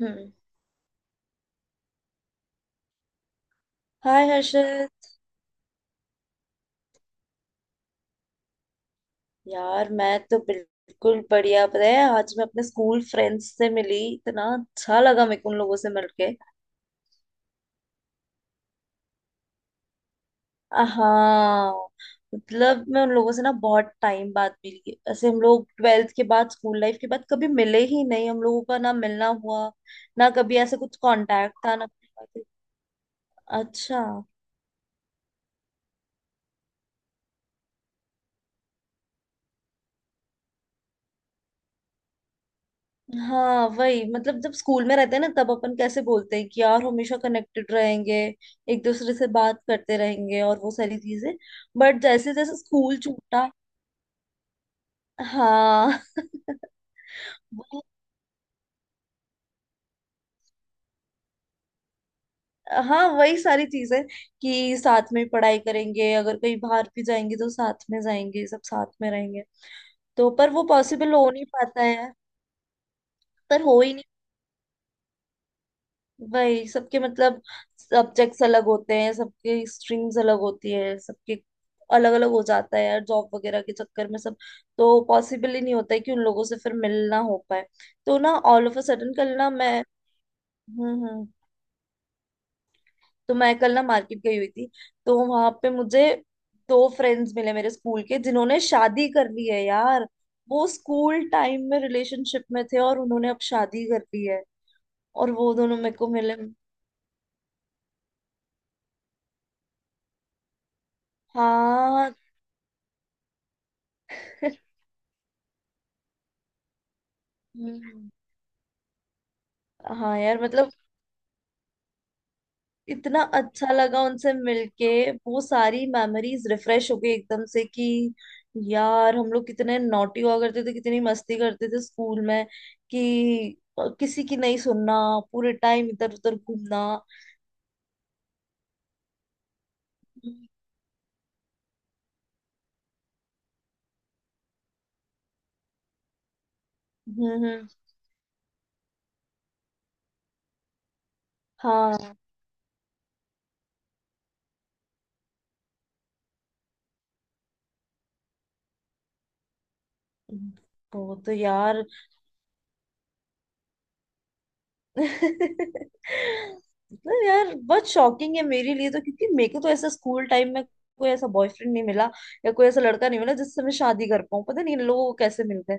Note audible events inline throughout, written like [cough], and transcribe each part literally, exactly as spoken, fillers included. हम्म। हाय हर्षद। यार मैं तो बिल्कुल बढ़िया, पता है आज मैं अपने स्कूल फ्रेंड्स से मिली, इतना अच्छा लगा मेरे को उन लोगों से मिलके। आ, हाँ। मतलब मैं उन लोगों से ना बहुत टाइम बाद मिली, ऐसे हम लोग ट्वेल्थ के बाद स्कूल लाइफ के बाद कभी मिले ही नहीं, हम लोगों का ना मिलना हुआ, ना कभी ऐसे कुछ कांटेक्ट था ना कुछ बातें। अच्छा। हाँ वही, मतलब जब स्कूल में रहते हैं ना तब अपन कैसे बोलते हैं कि यार हमेशा कनेक्टेड रहेंगे, एक दूसरे से बात करते रहेंगे और वो सारी चीजें। बट जैसे जैसे स्कूल छूटा। हाँ। [laughs] वो- हाँ वही सारी चीजें, कि साथ में पढ़ाई करेंगे, अगर कहीं बाहर भी जाएंगे तो साथ में जाएंगे, सब साथ में रहेंगे। तो पर वो पॉसिबल हो नहीं पाता है, पर हो ही नहीं। वही सबके, मतलब सब्जेक्ट्स अलग होते हैं सबके, स्ट्रीम्स अलग होती है सबके, अलग अलग हो जाता है यार जॉब वगैरह के चक्कर में सब। तो पॉसिबल ही नहीं होता है कि उन लोगों से फिर मिलना हो पाए। तो ना ऑल ऑफ अ सडन कल ना मैं। हम्म हम्म। तो मैं कल ना मार्केट गई हुई थी, तो वहां पे मुझे दो फ्रेंड्स मिले मेरे स्कूल के, जिन्होंने शादी कर ली है यार। वो स्कूल टाइम में रिलेशनशिप में थे और उन्होंने अब शादी कर ली है और वो दोनों मेरे को मिले। हाँ। [laughs] हम्म। हाँ यार, मतलब इतना अच्छा लगा उनसे मिलके। वो सारी मेमोरीज रिफ्रेश हो गई एकदम से कि यार हम लोग कितने नॉटी हुआ करते थे, कितनी मस्ती करते थे स्कूल में, कि किसी की नहीं सुनना, पूरे टाइम इधर उधर घूमना। हम्म हम्म। हाँ वो तो यार, मतलब यार बहुत शॉकिंग है मेरे लिए तो, क्योंकि मेरे को तो ऐसा स्कूल टाइम में कोई ऐसा बॉयफ्रेंड नहीं मिला या कोई ऐसा लड़का नहीं मिला जिससे मैं शादी कर पाऊँ। पता नहीं इन लोगों को कैसे मिलता है।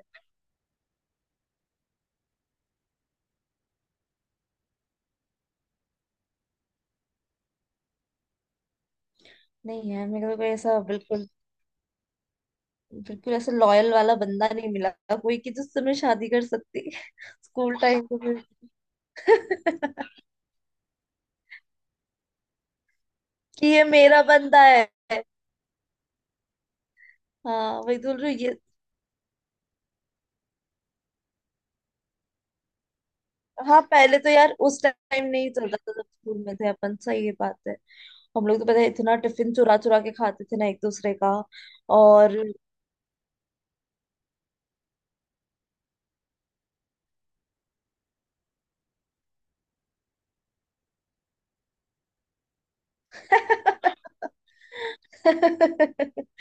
नहीं यार, मेरे को कोई ऐसा बिल्कुल, बिल्कुल ऐसा लॉयल वाला बंदा नहीं मिला, कोई कि जिससे मैं शादी कर सकती। [laughs] स्कूल टाइम में। [laughs] कि ये मेरा बंदा है। हाँ वही तो बोल रही हूँ ये। हाँ पहले तो यार उस टाइम नहीं चलता था, जब स्कूल में थे अपन, सही ये बात है। हम लोग तो पता है इतना टिफिन चुरा चुरा के खाते थे ना एक दूसरे का। और [laughs]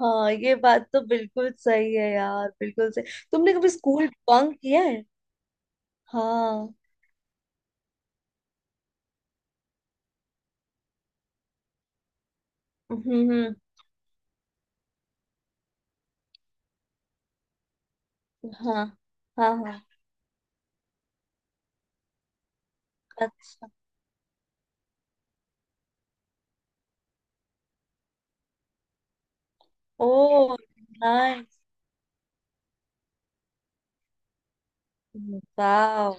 हाँ ये बात तो बिल्कुल सही है यार, बिल्कुल सही। तुमने कभी स्कूल बंक किया है? हाँ। हम्म हम्म। हाँ हाँ हाँ। अच्छा। ओ। नाइस। वाह।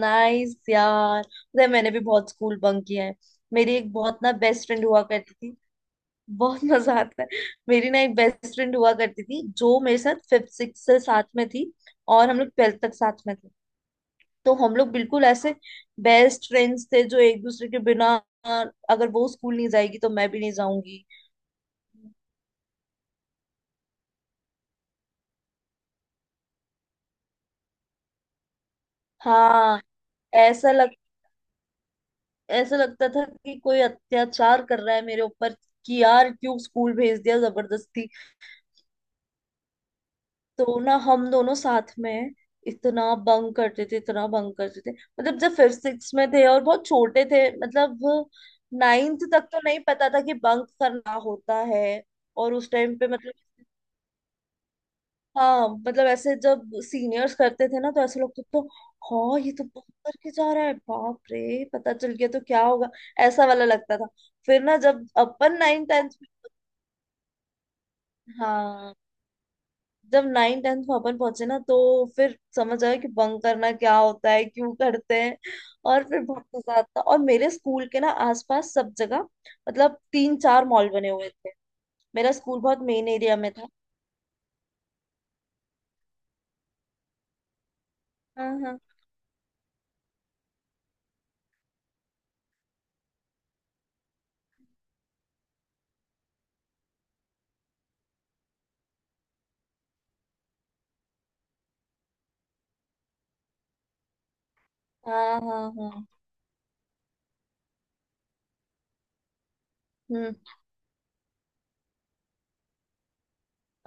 नाइस यार, पता है मैंने भी बहुत स्कूल बंक किया है। मेरी एक बहुत ना बेस्ट फ्रेंड हुआ करती थी। बहुत मजा आता है। मेरी ना एक बेस्ट फ्रेंड हुआ करती थी जो मेरे साथ फिफ्थ सिक्स से साथ में थी और हम लोग ट्वेल्थ तक साथ में थे। तो हम लोग बिल्कुल ऐसे बेस्ट फ्रेंड्स थे जो एक दूसरे के बिना, अगर वो स्कूल नहीं जाएगी तो मैं भी नहीं जाऊंगी। हाँ। ऐसा लग ऐसा लगता था कि कोई अत्याचार कर रहा है मेरे ऊपर, कि यार क्यों स्कूल भेज दिया जबरदस्ती। तो ना हम दोनों साथ में इतना बंक करते थे, इतना बंक करते थे। मतलब जब फिफ्थ सिक्स में थे और बहुत छोटे थे, मतलब नाइन्थ तक तो नहीं पता था कि बंक करना होता है। और उस टाइम पे मतलब, हाँ मतलब ऐसे जब सीनियर्स करते थे ना तो ऐसे लोग तो, तो हाँ ये तो बंक करके जा रहा है बाप रे, पता चल गया तो क्या होगा, ऐसा वाला लगता था। फिर ना जब अपन नाइन टेंथ, हाँ जब नाइन टेंथ में अपन पहुंचे ना, तो फिर समझ आया कि बंक करना क्या होता है क्यों करते हैं। और फिर बहुत मजा आता और मेरे स्कूल के ना आसपास सब जगह, मतलब तीन चार मॉल बने हुए थे। मेरा स्कूल बहुत मेन एरिया में था। हाँ हाँ हाँ। हाँ हाँ। हम्म।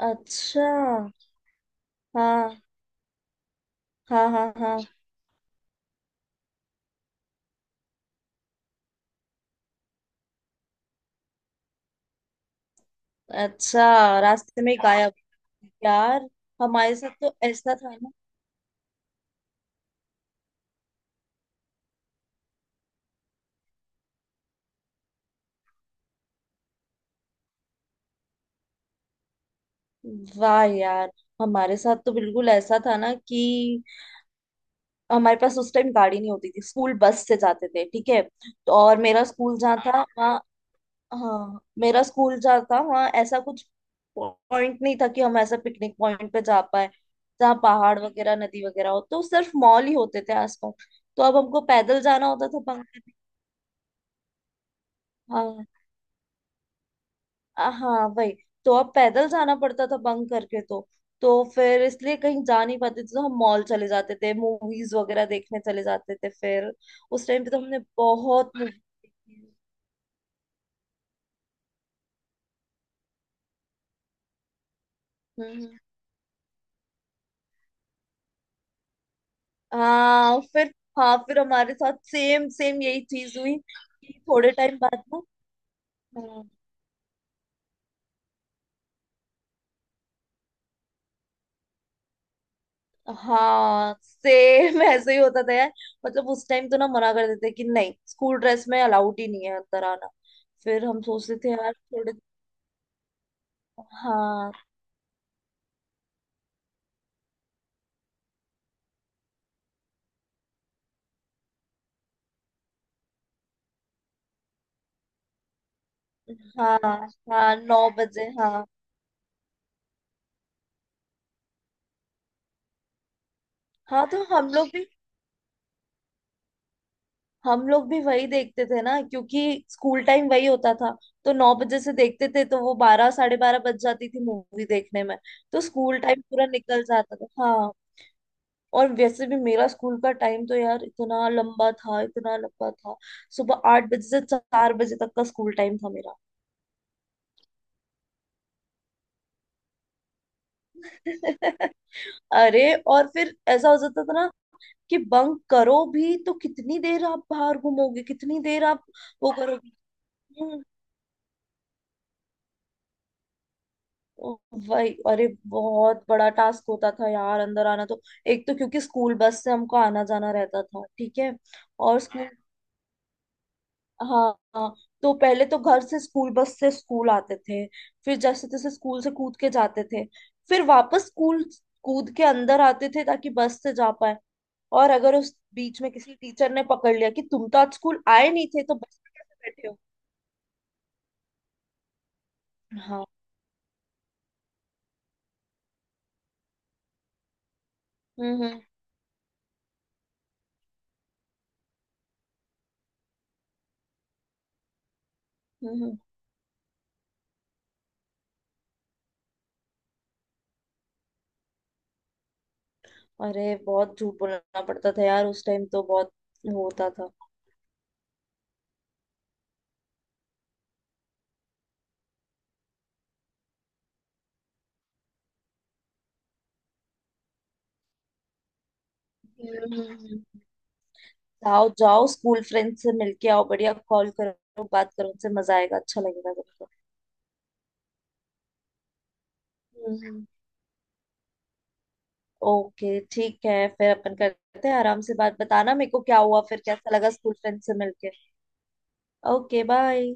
अच्छा। हाँ हाँ हाँ हाँ। अच्छा रास्ते में ही गायब। यार हमारे साथ तो ऐसा था ना। वाह यार, हमारे साथ तो बिल्कुल ऐसा था ना कि हमारे पास उस टाइम गाड़ी नहीं होती थी, स्कूल बस से जाते थे ठीक है। तो और मेरा स्कूल जहाँ था वहाँ, हाँ मेरा स्कूल जहाँ था वहाँ ऐसा कुछ पॉइंट नहीं था कि हम ऐसा पिकनिक पॉइंट पे जा पाए जहाँ पहाड़ वगैरह नदी वगैरह हो। तो सिर्फ मॉल ही होते थे आसपास, तो अब हमको पैदल जाना होता था पंकज। अ, हाँ वही। तो अब पैदल जाना पड़ता था बंक करके तो तो फिर इसलिए कहीं जा नहीं पाते थे, तो हम मॉल चले जाते थे, मूवीज वगैरह देखने चले जाते थे फिर। उस टाइम पे तो हमने बहुत मूवी देखी है। हम्म हम्म। हाँ फिर, हाँ फिर हमारे साथ सेम सेम यही चीज हुई कि थोड़े टाइम बाद ना, हाँ हाँ। सेम [laughs] ऐसे ही होता था यार, मतलब उस टाइम तो ना मना कर देते कि नहीं स्कूल ड्रेस में अलाउड ही नहीं है अंदर आना। फिर हम सोचते थे यार थोड़े। हाँ हाँ हाँ नौ बजे हाँ। हाँ तो हम लोग भी, हम लोग भी वही देखते थे ना, क्योंकि स्कूल टाइम वही होता था। तो नौ बजे से देखते थे तो वो बारह साढ़े बारह बज जाती थी मूवी देखने में। तो स्कूल टाइम पूरा निकल जाता था हाँ। और वैसे भी मेरा स्कूल का टाइम तो यार इतना लंबा था, इतना लंबा था। सुबह आठ बजे से चार बजे तक का स्कूल टाइम था मेरा। [laughs] अरे और फिर ऐसा हो जाता था ना कि बंक करो भी तो कितनी देर आप बाहर घूमोगे, कितनी देर आप वो करोगे। हम्म। ओ भाई, अरे बहुत बड़ा टास्क होता था यार अंदर आना तो। एक तो क्योंकि स्कूल बस से हमको आना जाना रहता था ठीक है। और स्कूल, हाँ हाँ। तो पहले तो घर से स्कूल बस से स्कूल आते थे, फिर जैसे तैसे स्कूल से कूद के जाते थे, फिर वापस स्कूल कूद के अंदर आते थे ताकि बस से जा पाए। और अगर उस बीच में किसी टीचर ने पकड़ लिया कि तुम तो आज स्कूल आए नहीं थे तो बस में कैसे बैठे हो। हाँ। हम्म हम्म। हम्म हम्म। अरे बहुत झूठ बोलना पड़ता था यार उस टाइम तो, बहुत होता था। हम्म, हम्म। जाओ जाओ स्कूल फ्रेंड से मिलके आओ बढ़िया, कॉल करो, बात करो उनसे, मजा आएगा अच्छा लगेगा तुमको। हम्म। ओके ठीक है, फिर अपन करते हैं आराम से बात, बताना मेरे को क्या हुआ फिर, कैसा लगा स्कूल फ्रेंड से मिलके। Okay bye.